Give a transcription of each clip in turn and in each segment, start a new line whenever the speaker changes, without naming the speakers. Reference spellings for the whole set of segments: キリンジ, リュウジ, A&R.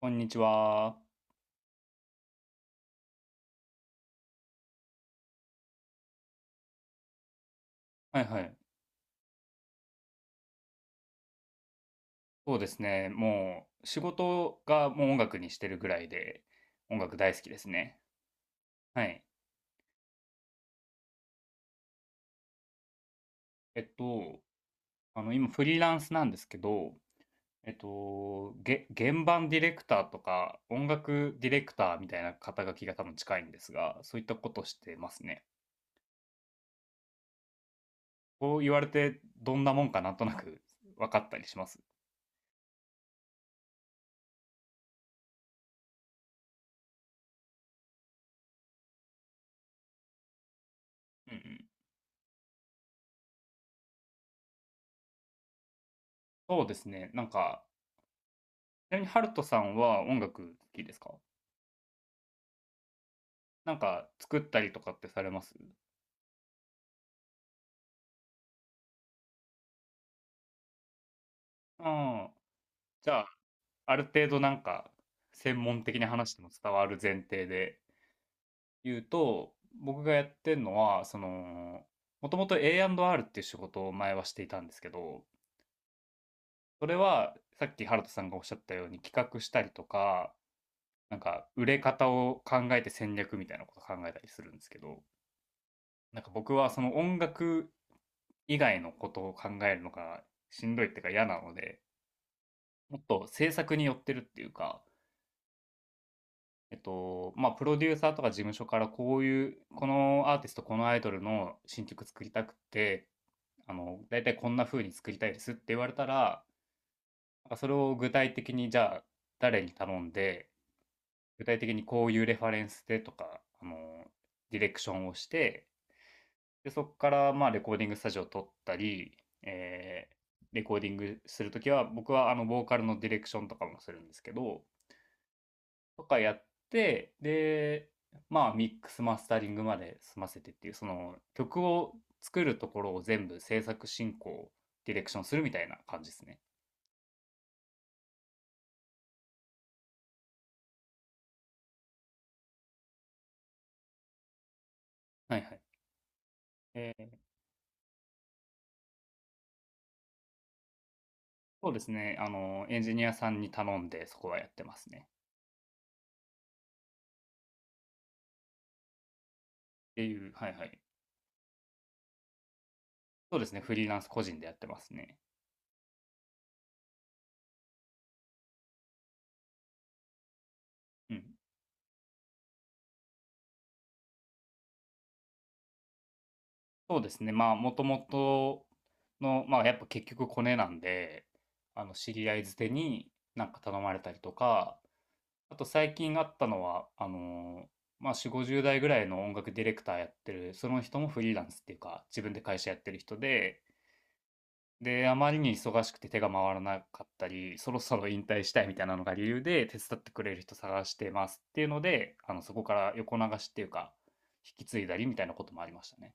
こんにちは。はいはい。そうですね。もう仕事がもう音楽にしてるぐらいで、音楽大好きですね。はい。えっと、今フリーランスなんですけど、現場ディレクターとか音楽ディレクターみたいな肩書きが多分近いんですが、そういったことしてますね。こう言われてどんなもんかなんとなく分かったりします。うんうん。そうですね。なんか、ちなみにハルトさんは音楽好きですか？なんか作ったりとかってされますああ、じゃあ、ある程度なんか、専門的に話しても伝わる前提で言うと、僕がやってるのは、その、もともと A&R っていう仕事を前はしていたんですけど、それはさっきハルトさんがおっしゃったように企画したりとか、なんか売れ方を考えて戦略みたいなことを考えたりするんですけど、なんか僕はその音楽以外のことを考えるのがしんどいっていうか嫌なので、もっと制作に寄ってるっていうか、まあ、プロデューサーとか事務所からこういう、このアーティスト、このアイドルの新曲作りたくて、大体こんな風に作りたいですって言われたら、それを具体的にじゃあ誰に頼んで、具体的にこういうレファレンスでとか、ディレクションをして、で、そこからまあレコーディングスタジオを撮ったり、えーレコーディングするときは、僕はボーカルのディレクションとかもするんですけど、とかやって、で、まあミックスマスタリングまで済ませてっていう、その曲を作るところを全部制作進行、ディレクションするみたいな感じですね。はいはい。えーそうですね、エンジニアさんに頼んでそこはやってますね。っていう、はいはい。そうですね、フリーランス個人でやってますね。うん。そうですね、まあもともとの、まあやっぱ結局コネなんで、知り合い捨てになんか頼まれたりとか、あと最近あったのは、まあ、4、50代ぐらいの音楽ディレクターやってる、その人もフリーランスっていうか、自分で会社やってる人で、で、あまりに忙しくて手が回らなかったり、そろそろ引退したいみたいなのが理由で、手伝ってくれる人探してますっていうので、そこから横流しっていうか、引き継いだりみたいなこともありましたね。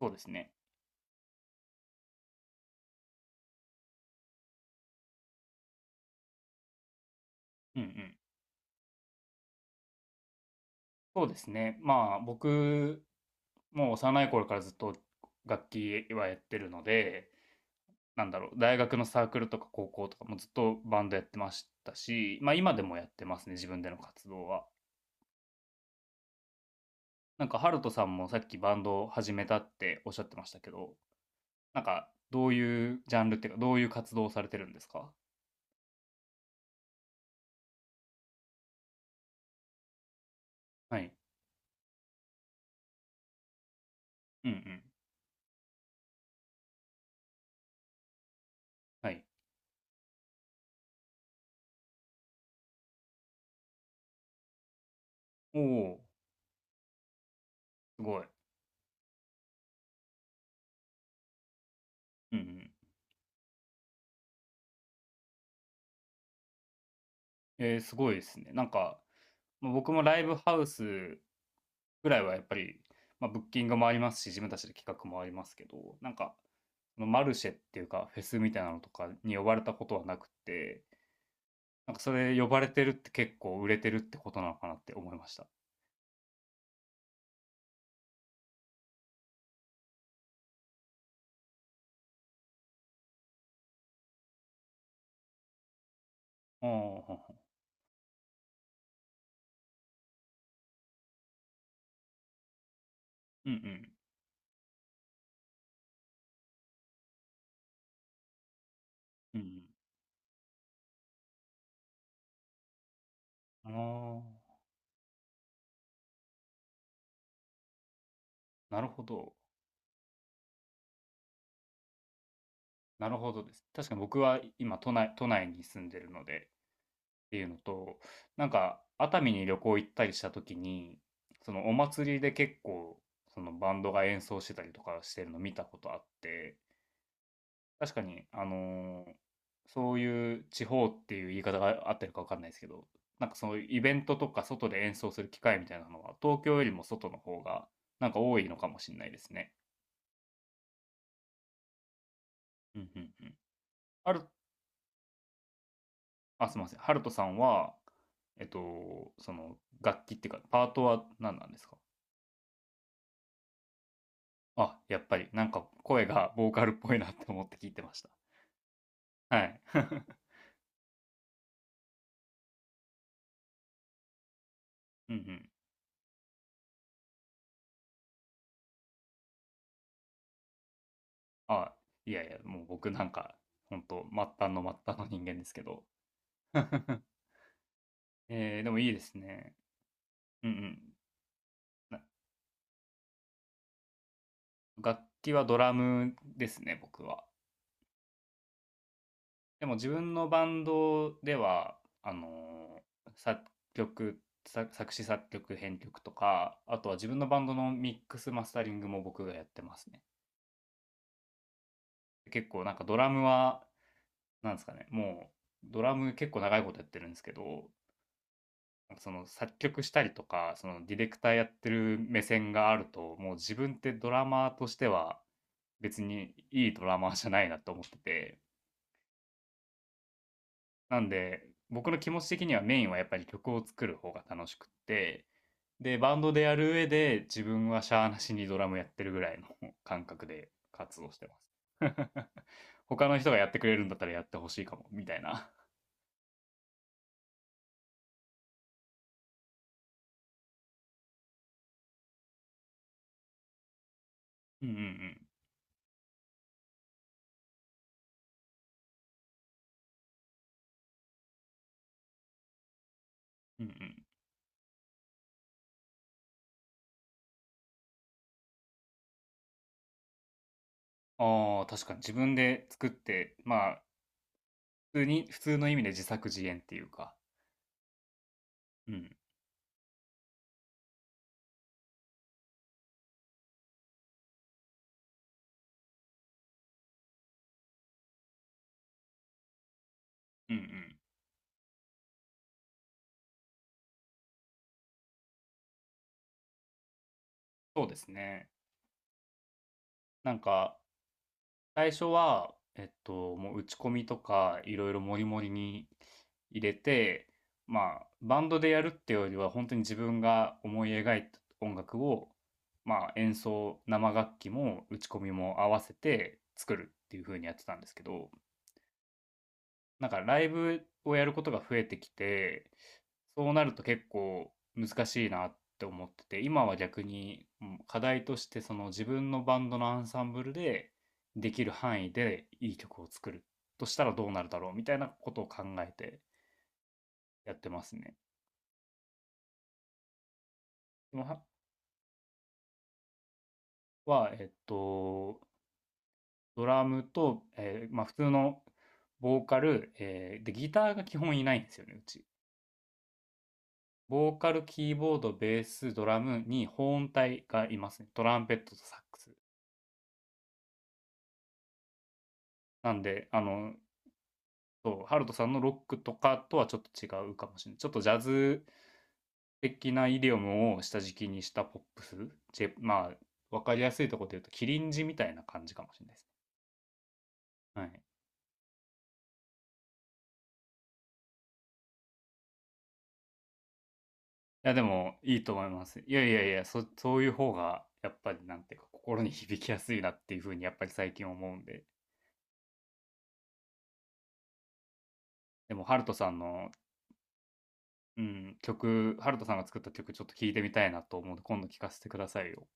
そうですね。うんうん。そうですね。まあ、僕、もう幼い頃からずっと楽器はやってるので、なんだろう、大学のサークルとか高校とかもずっとバンドやってましたし、まあ今でもやってますね、自分での活動は。なんか、ハルトさんもさっきバンドを始めたっておっしゃってましたけど、なんか、どういうジャンルっていうか、どういう活動をされてるんですか？はい。うんうん。はい。おお、すごい。うんうん。えー、すごいですね。なんか、まあ僕もライブハウスぐらいはやっぱり、まあ、ブッキングもありますし、自分たちで企画もありますけど、なんか、のマルシェっていうか、フェスみたいなのとかに呼ばれたことはなくて、なんかそれ呼ばれてるって結構売れてるってことなのかなって思いました。ああ、うんうん。うんうん。ああ、なるほど。なるほどです。確かに僕は今都内に住んでるのでっていうのと、なんか熱海に旅行行ったりした時に、そのお祭りで結構そのバンドが演奏してたりとかしてるの見たことあって、確かに、そういう地方っていう言い方が合ってるか分かんないですけど、なんかそのイベントとか外で演奏する機会みたいなのは、東京よりも外の方がなんか多いのかもしれないですね。うんうんうん。ある、あ、すみません。ハルトさんは、その楽器っていうか、パートは何なんですか？あ、やっぱり、なんか声がボーカルっぽいなって思って聞いてました。はい。うんうん。あ、いやいや、もう僕なんか、本当末端の末端の人間ですけど。えー、でもいいですね。うんうん。な楽器はドラムですね、僕は。でも自分のバンドでは、あの作曲、作詞作曲編曲とか、あとは自分のバンドのミックスマスタリングも僕がやってますね。結構なんかドラムは、なんですかね、もうドラム結構長いことやってるんですけど、なんかその作曲したりとか、そのディレクターやってる目線があると、もう自分ってドラマーとしては、別にいいドラマーじゃないなと思ってて、なんで僕の気持ち的にはメインはやっぱり曲を作る方が楽しくって、でバンドでやる上で自分はしゃーなしにドラムやってるぐらいの感覚で活動してます。 他の人がやってくれるんだったらやってほしいかもみたいな。うんうんうんうんうん。あー、確かに自分で作ってまあ普通に普通の意味で自作自演っていうか、うんうんうん、そうですね。なんか最初は、もう打ち込みとかいろいろモりモりに入れて、まあ、バンドでやるっていうよりは、本当に自分が思い描いた音楽を、まあ、演奏、生楽器も打ち込みも合わせて作るっていう風にやってたんですけど、なんかライブをやることが増えてきて、そうなると結構難しいなって思ってて、今は逆に課題としてその自分のバンドのアンサンブルでできる範囲でいい曲を作るとしたらどうなるだろうみたいなことを考えてやってますね。今は、ドラムと、まあ普通のボーカル、で、ギターが基本いないんですよね、うち。ボーカル、キーボード、ベース、ドラムに保音隊がいますね。トランペットとサックス。なんで、ハルトさんのロックとかとはちょっと違うかもしれない。ちょっとジャズ的なイディオムを下敷きにしたポップス。まあ、わかりやすいところで言うと、キリンジみたいな感じかもしれないですね。はい。いや、でも、いいと思います。いやいやいや、そういう方が、やっぱり、なんていうか、心に響きやすいなっていうふうに、やっぱり最近思うんで。でも、ハルトさんのうん、曲、ハルトさんが作った曲ちょっと聴いてみたいなと思うので、今度聴かせてくださいよ。